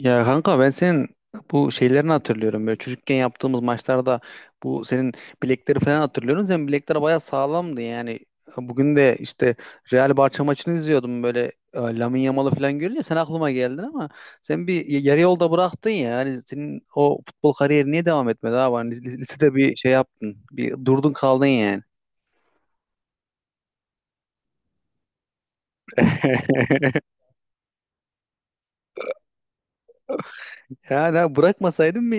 Ya kanka ben senin bu şeylerini hatırlıyorum. Böyle çocukken yaptığımız maçlarda bu senin bilekleri falan hatırlıyorum. Senin bilekler bayağı sağlamdı yani. Bugün de işte Real Barça maçını izliyordum böyle Lamine Yamal'ı falan görünce sen aklıma geldin, ama sen bir yarı yolda bıraktın ya. Yani senin o futbol kariyeri niye devam etmedi abi? Hani lisede bir şey yaptın. Bir durdun kaldın yani. Yani bırakmasaydım mı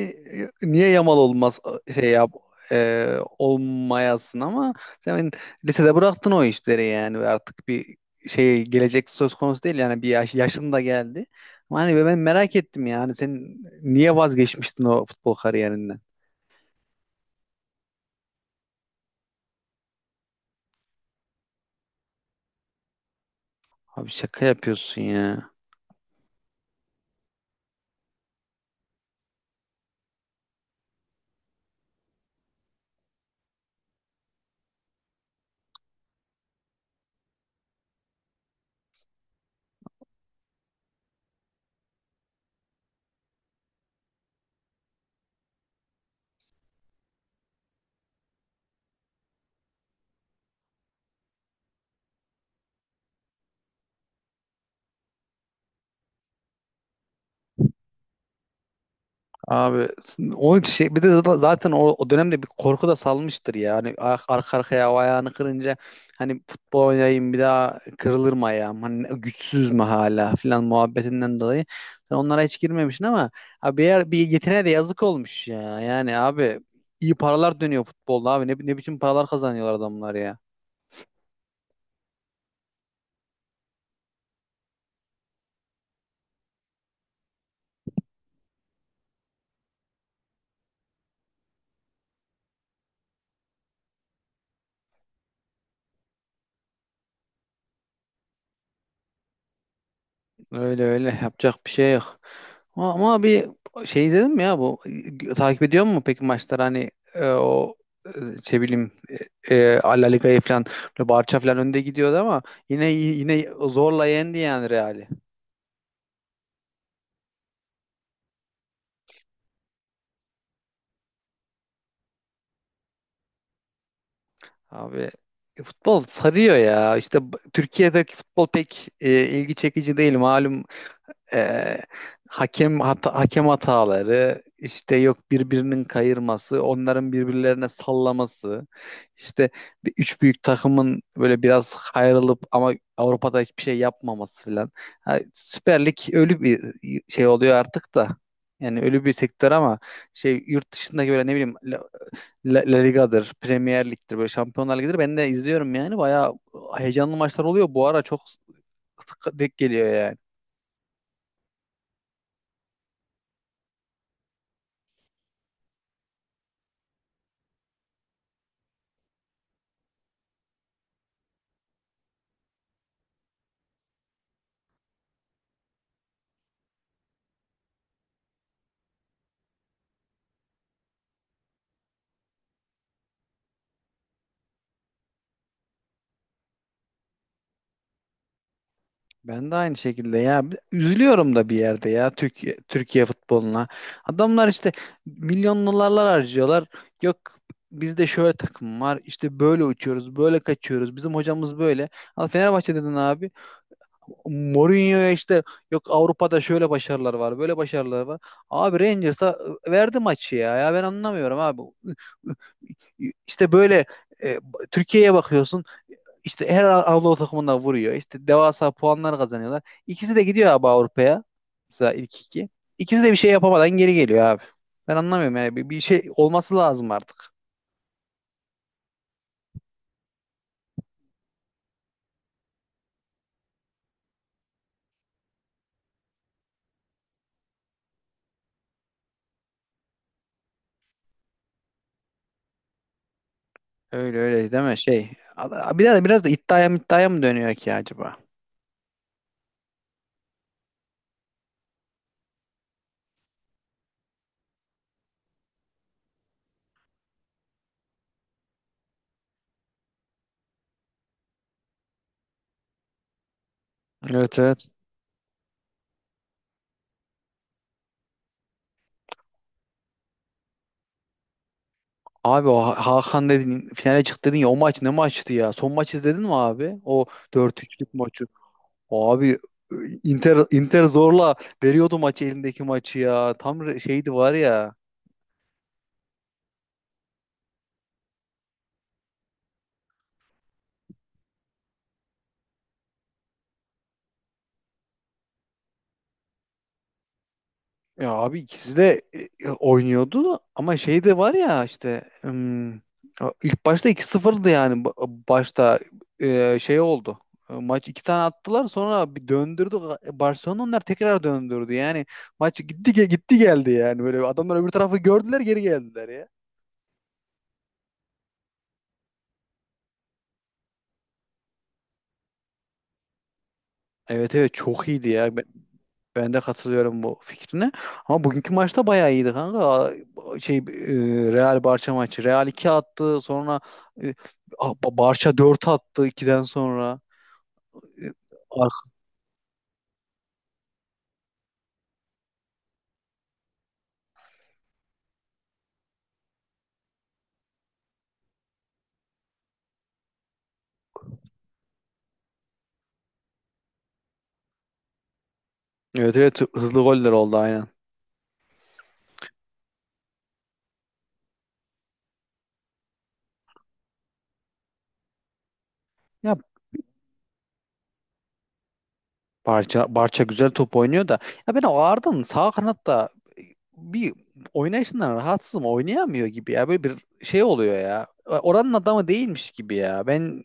niye Yamal olmaz şey yap olmayasın, ama sen lisede bıraktın o işleri yani, ve artık bir şey gelecek söz konusu değil yani, bir yaşın da geldi. Ama hani ben merak ettim yani, sen niye vazgeçmiştin o futbol kariyerinden? Abi şaka yapıyorsun ya. Abi o şey, bir de zaten o dönemde bir korku da salmıştır ya. Hani arka arkaya o ayağını kırınca hani futbol oynayayım, bir daha kırılır mı ayağım? Hani güçsüz mü hala filan muhabbetinden dolayı. Sen onlara hiç girmemişsin, ama abi bir yeteneğe de yazık olmuş ya. Yani abi, iyi paralar dönüyor futbolda abi. Ne biçim paralar kazanıyorlar adamlar ya. Öyle öyle, yapacak bir şey yok. Ama bir şey izledin mi ya, bu takip ediyor mu peki maçlar, hani o e, şey bileyim, La Liga'yı falan böyle Barça falan önde gidiyordu ama yine yine zorla yendi yani Real'i. Abi futbol sarıyor ya. İşte Türkiye'deki futbol pek ilgi çekici değil malum, e, hakem hataları işte, yok birbirinin kayırması, onların birbirlerine sallaması, işte üç büyük takımın böyle biraz ayrılıp ama Avrupa'da hiçbir şey yapmaması filan. Ha, Süper Lig ölü bir şey oluyor artık da. Yani ölü bir sektör ama şey, yurt dışındaki böyle, ne bileyim, La Liga'dır, Premier Lig'dir, böyle Şampiyonlar Ligi'dir. Ben de izliyorum yani. Bayağı heyecanlı maçlar oluyor. Bu ara çok denk geliyor yani. Ben de aynı şekilde ya. Üzülüyorum da bir yerde ya, Türkiye futboluna. Adamlar işte milyon harcıyorlar. Yok bizde şöyle takım var. İşte böyle uçuyoruz, böyle kaçıyoruz. Bizim hocamız böyle. Al Fenerbahçe dedin abi. Mourinho'ya işte, yok Avrupa'da şöyle başarılar var, böyle başarılar var. Abi Rangers'a verdi maçı ya. Ya ben anlamıyorum abi. İşte böyle e, Türkiye'ye bakıyorsun. İşte her Anadolu takımında vuruyor. İşte devasa puanlar kazanıyorlar. İkisi de gidiyor abi Avrupa'ya. Mesela ilk iki. İkisi de bir şey yapamadan geri geliyor abi. Ben anlamıyorum yani. Bir şey olması lazım artık. Öyle öyle, değil mi? Şey. Bir de biraz da iddiaya mı iddiaya mı dönüyor ki acaba? Evet, evet. Abi o Hakan dedin, finale çıktı dedin ya, o maç ne maçtı ya? Son maç izledin mi abi? O dört üçlük maçı. Abi Inter zorla veriyordu maçı, elindeki maçı ya. Tam şeydi var ya. Ya abi ikisi de oynuyordu ama şey de var ya, işte ilk başta iki 0dı yani, başta şey oldu. Maç, iki tane attılar sonra bir döndürdü. Barcelona, onlar tekrar döndürdü. Yani maç gitti gitti geldi yani, böyle adamlar öbür tarafı gördüler, geri geldiler ya. Evet, evet, çok iyiydi ya. Ben de katılıyorum bu fikrine. Ama bugünkü maçta bayağı iyiydi kanka. Şey e, Real Barça maçı. Real 2 attı. Sonra e, Barça 4 attı ikiden sonra. E, ar- Evet, evet, hızlı goller oldu aynen. Ya Barça güzel top oynuyor da, ya ben o Arda'nın sağ kanatta bir oynayışından rahatsızım. Oynayamıyor gibi ya. Böyle bir şey oluyor ya. Oranın adamı değilmiş gibi ya. Ben,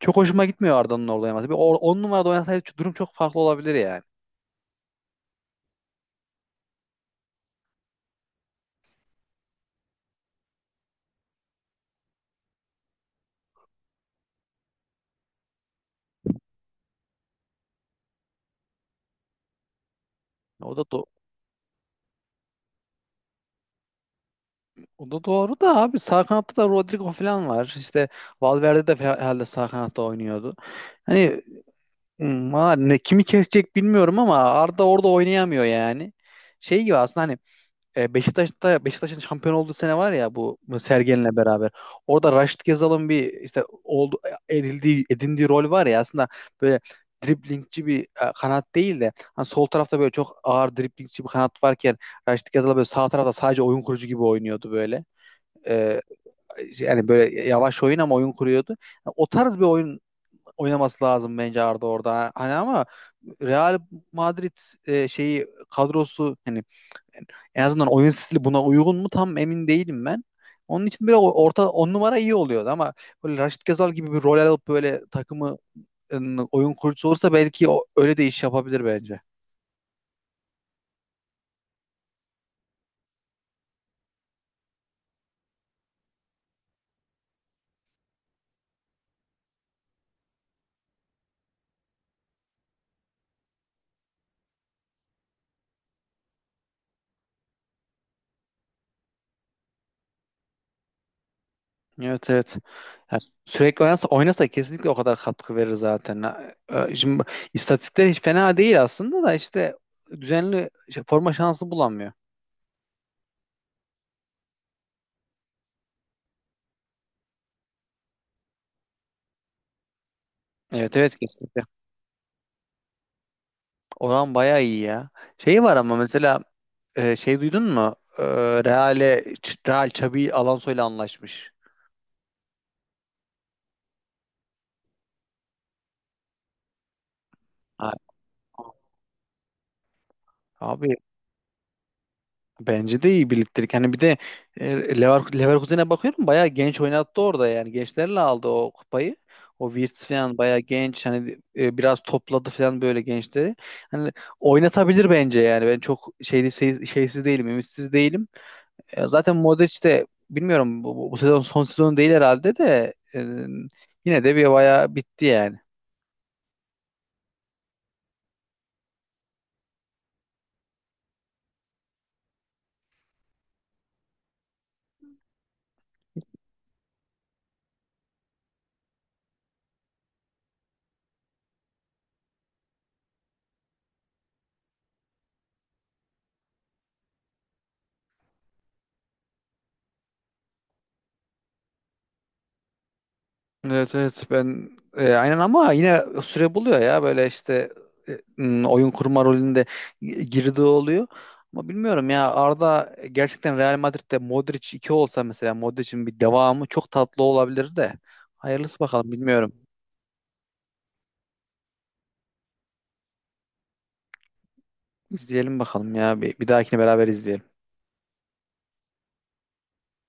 çok hoşuma gitmiyor Arda'nın orada oynaması. Bir 10 numarada oynasaydı durum çok farklı olabilir ya. O da do- o da doğru da abi, sağ kanatta da Rodrigo falan var. İşte Valverde de herhalde sağ kanatta oynuyordu. Hani valla ne, kimi kesecek bilmiyorum, ama Arda orada oynayamıyor yani. Şey gibi aslında, hani Beşiktaş'ta, Beşiktaş'ın şampiyon olduğu sene var ya, bu Sergen'le beraber. Orada Raşit Gezal'ın bir, işte oldu edildiği edindiği rol var ya aslında, böyle driblingçi bir kanat değil de hani, sol tarafta böyle çok ağır driblingçi bir kanat varken Raşit Gezal böyle sağ tarafta sadece oyun kurucu gibi oynuyordu böyle. E, yani böyle yavaş oyun, ama oyun kuruyordu. Yani o tarz bir oyun oynaması lazım bence Arda orada. Hani ama Real Madrid şeyi, kadrosu yani, en azından oyun stili buna uygun mu tam emin değilim ben. Onun için böyle orta on numara iyi oluyordu ama, böyle Raşit Gazal gibi bir rol alıp böyle takımı oyun kurucusu olursa, belki öyle de iş yapabilir bence. Evet, evet. Ya sürekli oynasa, oynasa kesinlikle o kadar katkı verir zaten. Şimdi istatistikler hiç fena değil aslında da, işte düzenli şey, forma şansı bulamıyor. Evet, evet, kesinlikle. Oran bayağı iyi ya. Şey var ama mesela, şey, duydun mu? Real'e, Real Xabi Alonso'yla anlaşmış. Ha, Abi bence de iyi birliktelik. Hani bir de Leverkusen'e bakıyorum, bayağı genç oynattı orada yani. Gençlerle aldı o kupayı. O Wirtz falan bayağı genç, hani biraz topladı falan böyle gençleri. Hani oynatabilir bence yani. Ben çok şeysiz değilim, ümitsiz değilim. Zaten Modric de bilmiyorum, bu sezon son sezonu değil herhalde de yine de bir bayağı bitti yani. Evet, evet, ben aynen, ama yine süre buluyor ya, böyle işte oyun kurma rolünde girdiği oluyor. Ama bilmiyorum ya, Arda gerçekten Real Madrid'de Modric 2 olsa mesela, Modric'in bir devamı çok tatlı olabilir de. Hayırlısı bakalım, bilmiyorum. İzleyelim bakalım ya, bir dahakine beraber izleyelim.